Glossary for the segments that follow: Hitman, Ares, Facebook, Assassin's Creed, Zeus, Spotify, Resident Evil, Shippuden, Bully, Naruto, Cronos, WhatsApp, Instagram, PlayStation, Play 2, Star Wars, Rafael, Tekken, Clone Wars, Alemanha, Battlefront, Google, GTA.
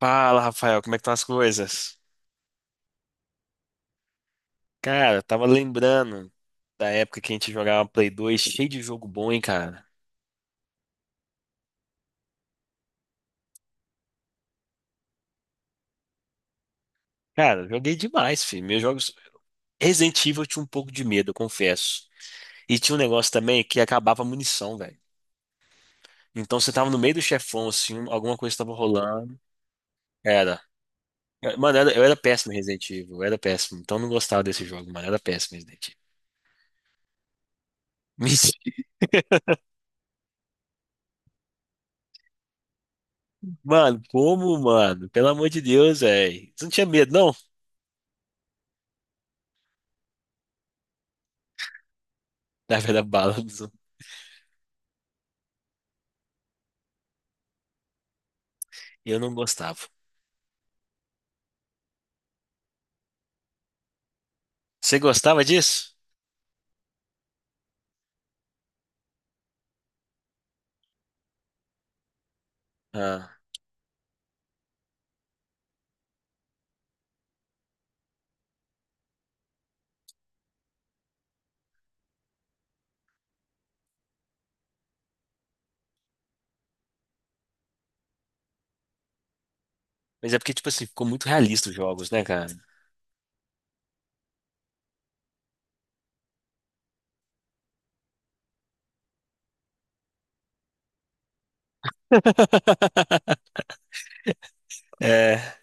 Fala, Rafael, como é que estão as coisas? Cara, eu tava lembrando da época que a gente jogava Play 2, cheio de jogo bom, hein, cara? Cara, eu joguei demais, filho. Meus jogos Resident Evil eu tinha um pouco de medo, eu confesso. E tinha um negócio também que acabava a munição, velho. Então você tava no meio do chefão, assim, alguma coisa tava rolando. Era. Mano, eu era péssimo em Resident Evil, eu era péssimo. Então eu não gostava desse jogo, mano. Eu era péssimo em Resident Evil. Mano, como, mano? Pelo amor de Deus, velho. Você não tinha medo, não? Da velha bala. Eu não gostava. Você gostava disso? Ah, mas é porque, tipo assim, ficou muito realista os jogos, né, cara? É.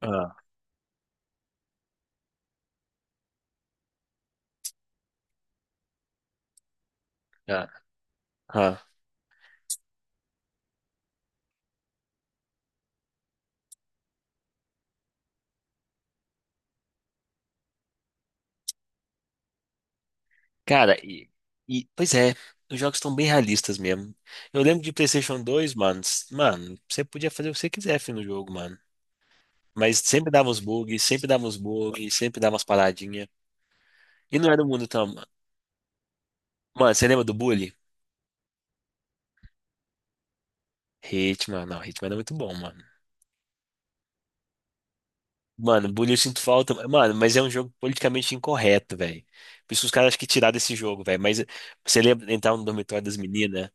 Ah, ah, ah. Cara, e, pois é, os jogos estão bem realistas mesmo. Eu lembro de PlayStation 2, mano. Mano, você podia fazer o que você quiser filho, no jogo, mano. Mas sempre dava uns bugs, sempre dava uns bugs, sempre dava umas paradinhas. E não era o mundo tão. Mano, você lembra do Bully? Hitman, não, Hitman era muito bom, mano. Mano, bullying eu sinto falta. Mano, mas é um jogo politicamente incorreto, velho. Por isso que os caras acham que tirar desse jogo, velho. Mas você lembra de entrar no dormitório das meninas?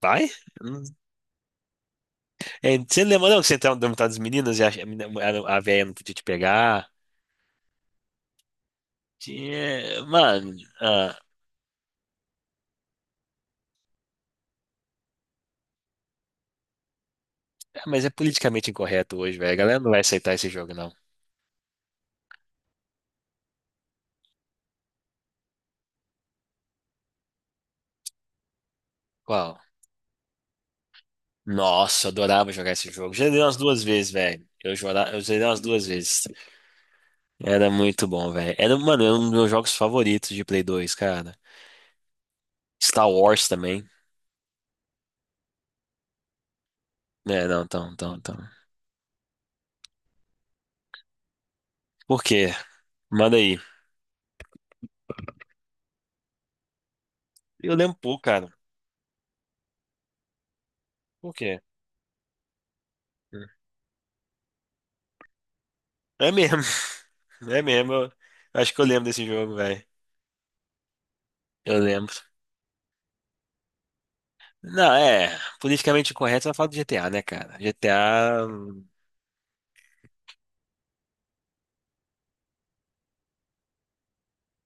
Vai? Hum. É, você lembra não, que você entrava no dormitório das meninas e a velha não podia te pegar? Mano, ah, mas é politicamente incorreto hoje, velho. A galera não vai aceitar esse jogo, não. Qual? Nossa, eu adorava jogar esse jogo. Já dei umas duas vezes, velho. Eu jogava, eu zerei umas duas vezes. Era muito bom, velho. Era, mano, era um dos meus jogos favoritos de Play 2, cara. Star Wars também. É, não, então, então, então. Por quê? Manda aí. Eu lembro um pouco, cara. Por quê? É mesmo. É mesmo. Eu acho que eu lembro desse jogo, velho. Eu lembro. Não, é. Politicamente correto, você vai falar do GTA, né, cara? GTA.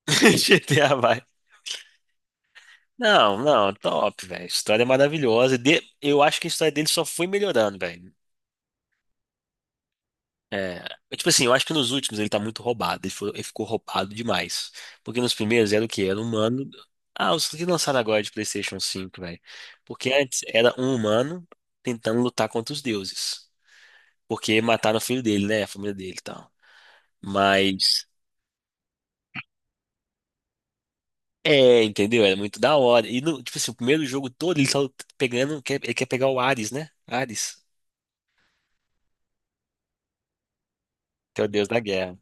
GTA vai. Não, não, top, velho. História maravilhosa. Eu acho que a história dele só foi melhorando, velho. É, mas, tipo assim, eu acho que nos últimos ele tá muito roubado. Ele ficou, roubado demais. Porque nos primeiros era o quê? Era um humano. Ah, os que lançaram agora de PlayStation 5 velho. Porque antes era um humano tentando lutar contra os deuses. Porque mataram o filho dele, né? A família dele e tal. Mas. É, entendeu? Era muito da hora. E, tipo assim, o primeiro jogo todo ele tá pegando. Ele quer pegar o Ares, né? Ares, que é o deus da guerra.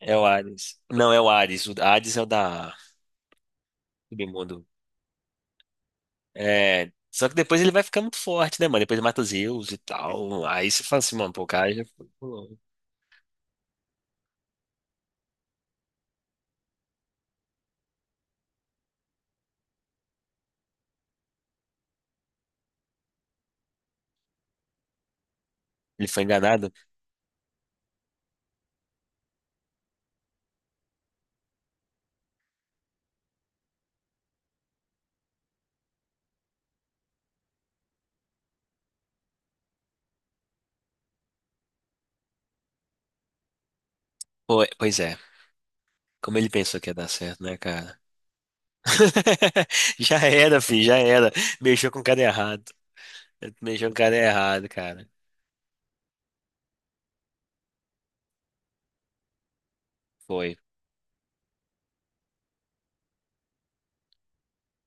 É o Ares. Não, é o Ares. O Ares é o da. Submundo. É, só que depois ele vai ficar muito forte, né, mano? Depois ele mata o Zeus e tal. Aí você fala assim, mano, pô, o cara já foi, pulou. Ele foi enganado? Pô, pois é. Como ele pensou que ia dar certo, né, cara? Já era, filho, já era. Mexeu com o cara errado. Mexeu com o cara errado, cara. Foi.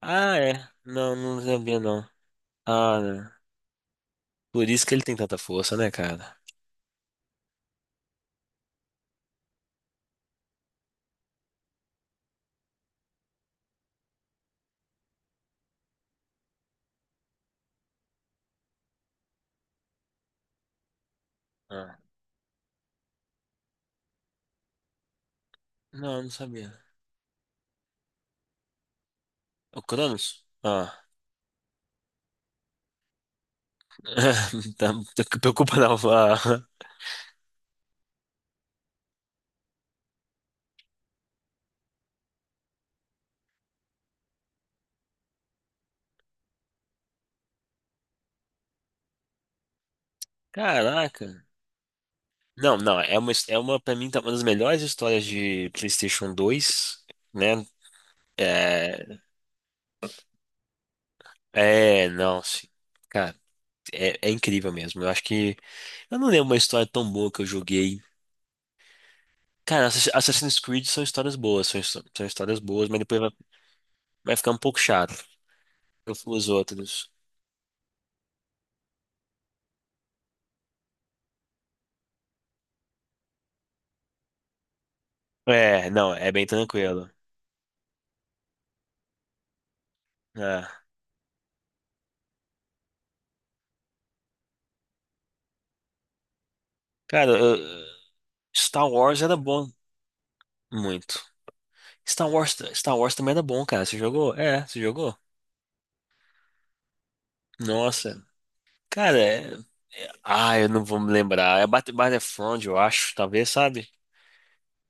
Ah, é. Não, não sabia, não. Ah, não. Por isso que ele tem tanta força, né, cara? Ah. Não, não sabia. O Cronos? Ah. Não preocupa não. Ah. Caraca. Não, não, é uma, pra mim, tá uma das melhores histórias de PlayStation 2, né? É, é, não, sim. Cara, é incrível mesmo. Eu acho que. Eu não lembro uma história tão boa que eu joguei. Cara, Assassin's Creed são histórias boas, são histórias boas, mas depois vai, ficar um pouco chato. Eu fui os outros. É, não, é bem tranquilo. É. Cara, Star Wars era bom, muito. Star Wars, Star Wars também era bom, cara. Você jogou? É, você jogou? Nossa. Cara, eu não vou me lembrar. É Battlefront, eu acho, talvez, sabe?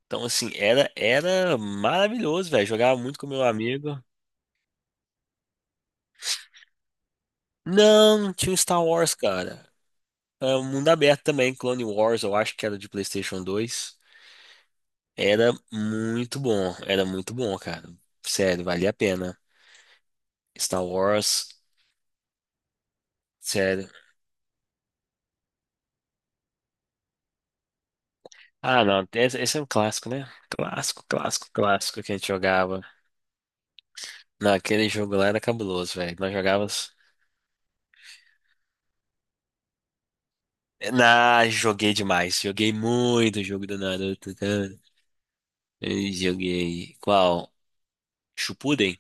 Então, assim, era maravilhoso, velho. Jogava muito com meu amigo. Não, tinha o Star Wars, cara. É, o mundo aberto também, Clone Wars, eu acho que era de PlayStation 2. Era muito bom, cara. Sério, valia a pena. Star Wars, sério. Ah, não, esse é um clássico, né? Clássico, clássico, clássico que a gente jogava. Naquele jogo lá era cabuloso, velho. Nós jogávamos. Ah, joguei demais. Joguei muito o jogo do Naruto, cara. Eu joguei. Qual? Shippuden?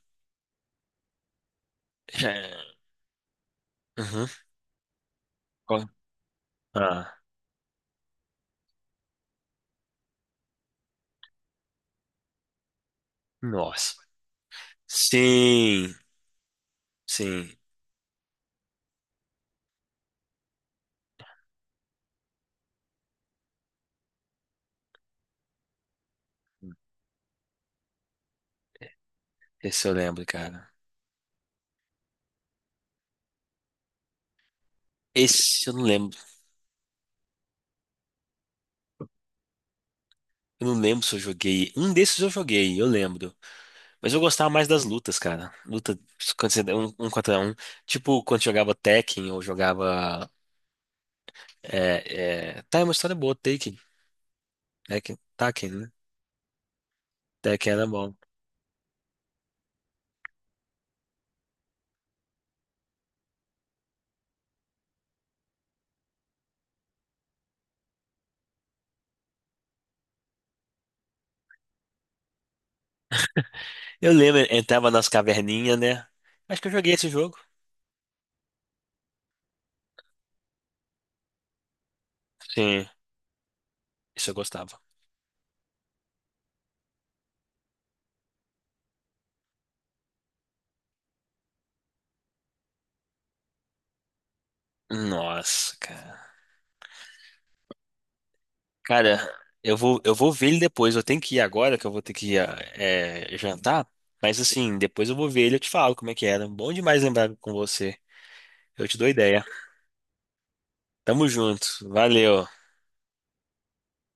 Uhum. Qual? Ah, nossa. Sim, sim. Esse eu lembro, cara. Esse eu não lembro. Eu não lembro se eu joguei. Um desses eu joguei, eu lembro. Mas eu gostava mais das lutas, cara. Luta quando você, um contra um. Tipo, quando jogava Tekken ou jogava. É. Tá, é uma história boa, Tekken. Tekken, Tekken, né? Tekken era bom. Eu lembro, entrava nas caverninhas, né? Acho que eu joguei esse jogo. Sim, isso eu gostava. Nossa, cara. Cara, eu vou ver ele depois. Eu tenho que ir agora, que eu vou ter que ir jantar. Mas assim, depois eu vou ver ele e eu te falo como é que era. Bom demais lembrar com você. Eu te dou ideia. Tamo junto. Valeu.